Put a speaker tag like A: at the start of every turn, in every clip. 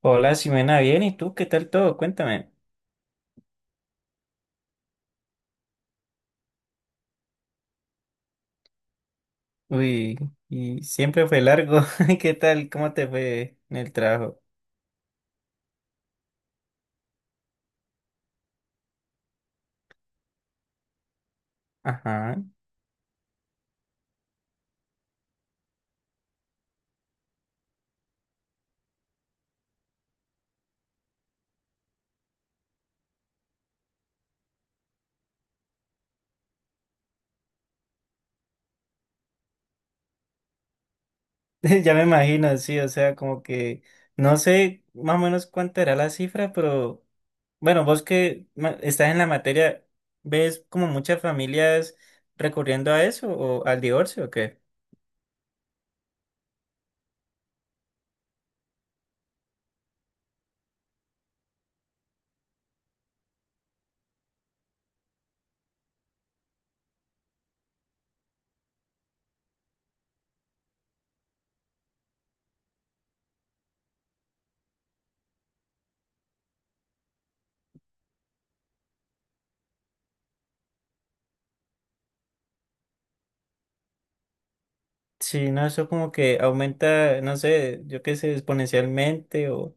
A: Hola, Ximena, bien, ¿y tú qué tal todo? Cuéntame. Uy, y siempre fue largo. ¿Qué tal? ¿Cómo te fue en el trabajo? Ajá. Ya me imagino, sí, o sea, como que no sé más o menos cuánta era la cifra, pero bueno, vos que estás en la materia, ¿ves como muchas familias recurriendo a eso o al divorcio o qué? Sí, no, eso como que aumenta, no sé, yo qué sé, exponencialmente o...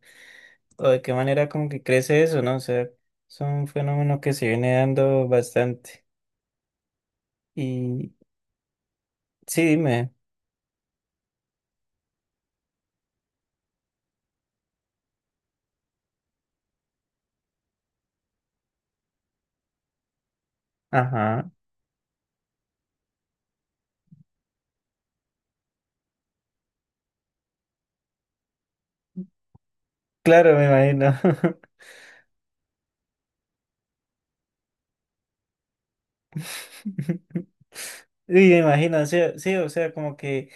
A: o de qué manera como que crece eso, ¿no? O sea, es un fenómeno que se viene dando bastante. Y sí, dime. Ajá. Claro, me imagino. Y me imagino, o sea, sí, o sea, como que,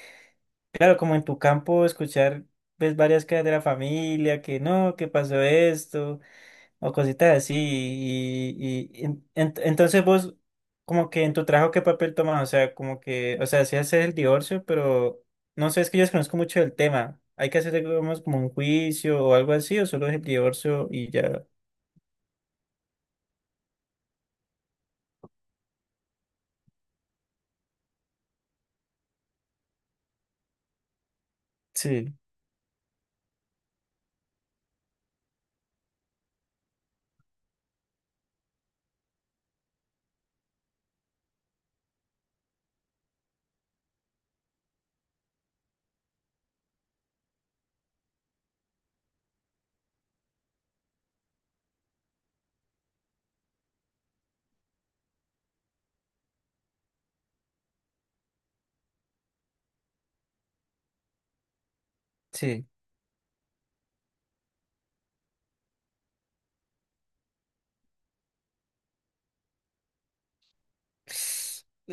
A: claro, como en tu campo escuchar, ves varias quejas de la familia, que no, que pasó esto, o cositas así. Entonces vos, como que en tu trabajo, ¿qué papel tomas? O sea, como que, o sea, sí haces el divorcio, pero no sé, es que yo desconozco mucho del tema. ¿Hay que hacer, digamos, como un juicio o algo así, o solo es el divorcio y ya? Sí, sí.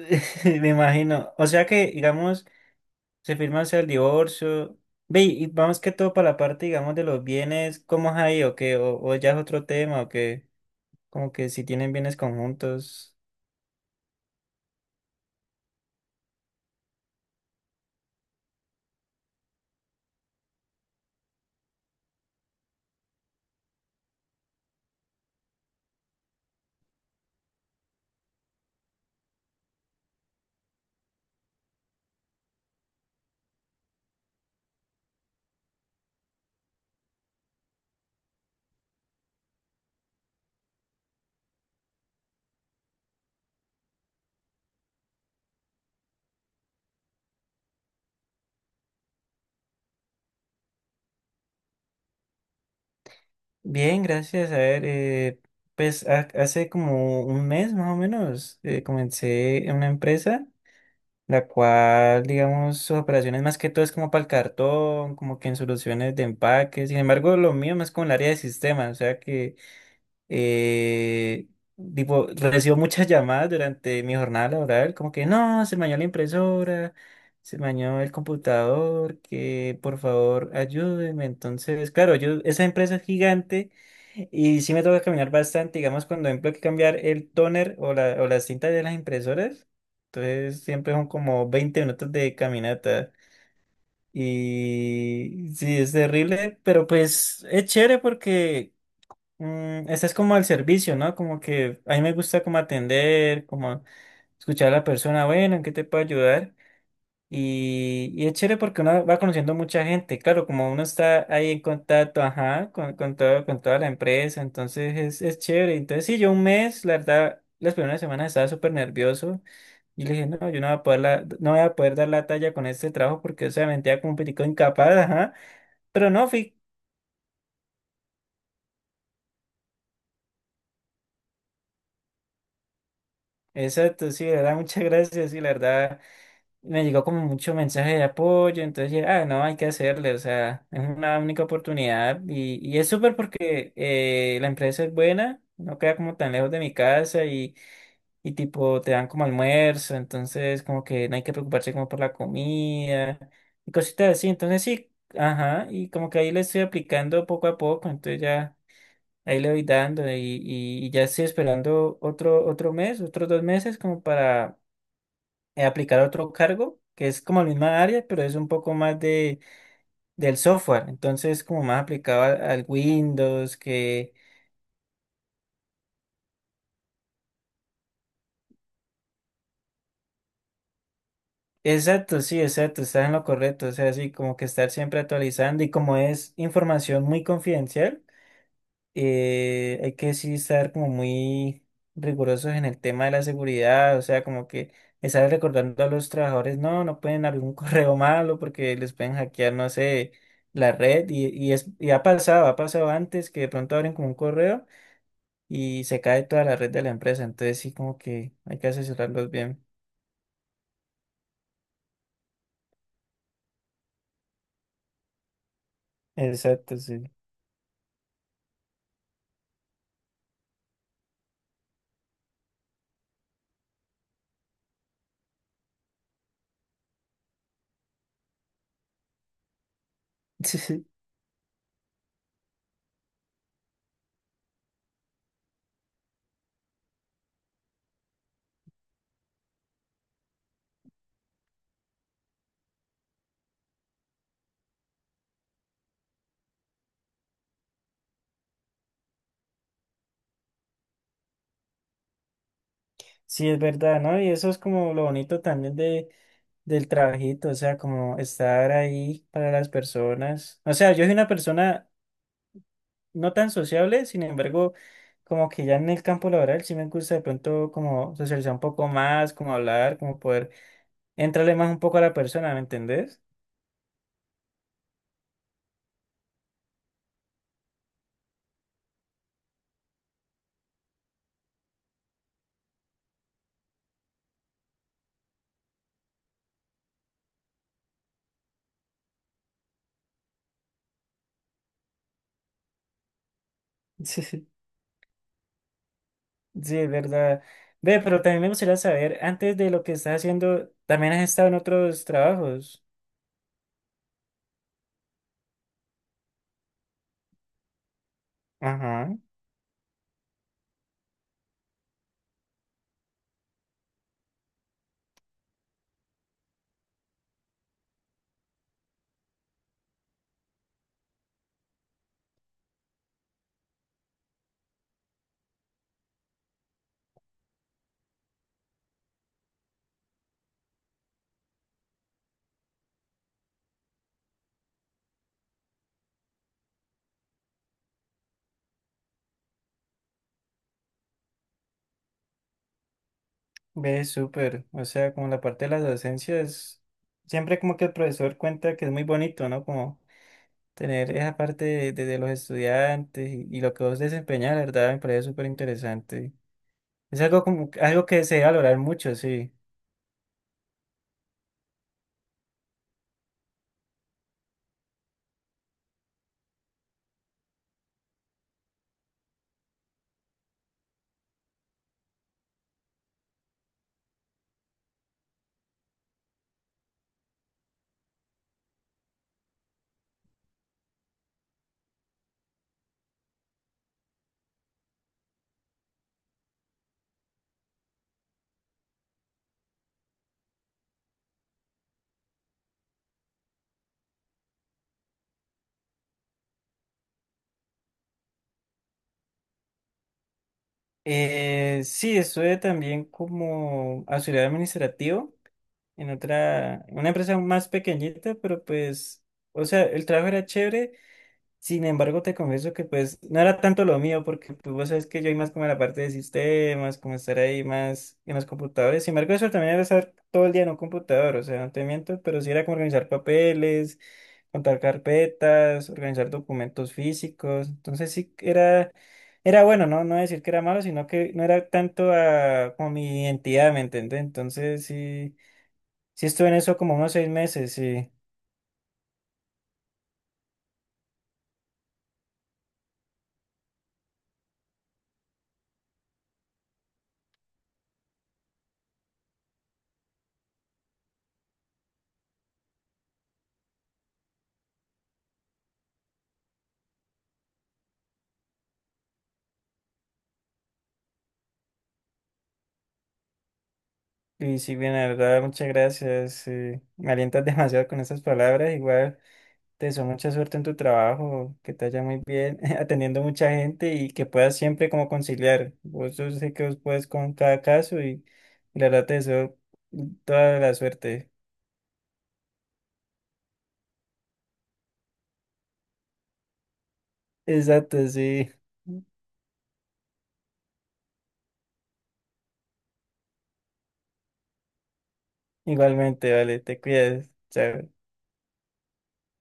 A: Me imagino. O sea que, digamos, se firma o sea, el divorcio. Ve, y vamos que todo para la parte, digamos, de los bienes, ¿cómo es ahí o qué? ¿O, ya es otro tema o qué? Como que si tienen bienes conjuntos. Bien, gracias. A ver, pues hace como un mes más o menos, comencé en una empresa, la cual, digamos, sus operaciones más que todo es como para el cartón, como que en soluciones de empaque. Sin embargo, lo mío más como el área de sistemas, o sea que eh, tipo, recibo muchas llamadas durante mi jornada laboral, como que no, se me dañó la impresora, se me dañó el computador, que por favor ayúdenme. Entonces, claro, yo, esa empresa es gigante y sí me toca caminar bastante, digamos, cuando tengo que cambiar el toner o, la, o las cintas de las impresoras. Entonces, siempre son como 20 minutos de caminata. Y sí, es terrible, pero pues es chévere porque este es como al servicio, ¿no? Como que a mí me gusta como atender, como escuchar a la persona, bueno, ¿en qué te puedo ayudar? Y es chévere porque uno va conociendo mucha gente, claro, como uno está ahí en contacto, ajá, con todo, con toda la empresa, entonces es chévere. Entonces sí, yo un mes, la verdad, las primeras semanas estaba súper nervioso y le dije, no, yo no voy a poder, no voy a poder dar la talla con este trabajo porque, o sea, me sentía como un poquito incapaz, ajá. Pero no, fui. Exacto, sí, la verdad, muchas gracias, sí, la verdad, me llegó como mucho mensaje de apoyo, entonces dije, ah, no, hay que hacerle, o sea, es una única oportunidad y es súper porque la empresa es buena, no queda como tan lejos de mi casa y tipo te dan como almuerzo, entonces como que no hay que preocuparse como por la comida y cositas así, entonces sí, ajá, y como que ahí le estoy aplicando poco a poco, entonces ya ahí le voy dando y ya estoy esperando otro mes, otros 2 meses como para aplicar otro cargo que es como la misma área, pero es un poco más de, del software. Entonces, como más aplicado al, al Windows, que... Exacto, sí, exacto, estás en lo correcto. O sea, sí, como que estar siempre actualizando y como es información muy confidencial. Hay que sí estar como muy rigurosos en el tema de la seguridad, o sea, como que estar recordando a los trabajadores, no, no pueden abrir un correo malo porque les pueden hackear, no sé, la red es, y ha pasado antes que de pronto abren como un correo y se cae toda la red de la empresa, entonces sí como que hay que asesorarlos bien. Exacto, sí. Sí, es verdad, ¿no? Y eso es como lo bonito también de del trabajito, o sea, como estar ahí para las personas. O sea, yo soy una persona no tan sociable, sin embargo, como que ya en el campo laboral sí me gusta de pronto como socializar un poco más, como hablar, como poder entrarle más un poco a la persona, ¿me entendés? Sí, sí, sí, es verdad. Ve, pero también me gustaría saber, antes de lo que estás haciendo, ¿también has estado en otros trabajos? Ajá, ve, súper. O sea, como la parte de las docencias, siempre como que el profesor cuenta que es muy bonito, ¿no? Como tener esa parte de, de los estudiantes y lo que vos desempeñas, la verdad, me parece súper interesante. Es algo, como, algo que se debe valorar mucho, sí. Sí, estuve también como auxiliar administrativo en una empresa más pequeñita, pero pues, o sea, el trabajo era chévere. Sin embargo, te confieso que pues no era tanto lo mío, porque pues vos sabes que yo hay más como en la parte de sistemas, como estar ahí más en los computadores. Sin embargo, eso también era estar todo el día en un computador, o sea, no te miento, pero sí era como organizar papeles, contar carpetas, organizar documentos físicos. Entonces sí que era bueno, ¿no? No decir que era malo, sino que no era tanto a, como mi identidad, ¿me entiendes? Entonces sí, sí estuve en eso como unos 6 meses, sí. Y sí, bien, la verdad, muchas gracias. Me alientas demasiado con esas palabras. Igual te deseo mucha suerte en tu trabajo, que te vaya muy bien, atendiendo mucha gente y que puedas siempre como conciliar. Vos Yo sé que vos puedes con cada caso y la verdad te deseo toda la suerte. Exacto, sí. Igualmente, vale, te cuidas. Chao.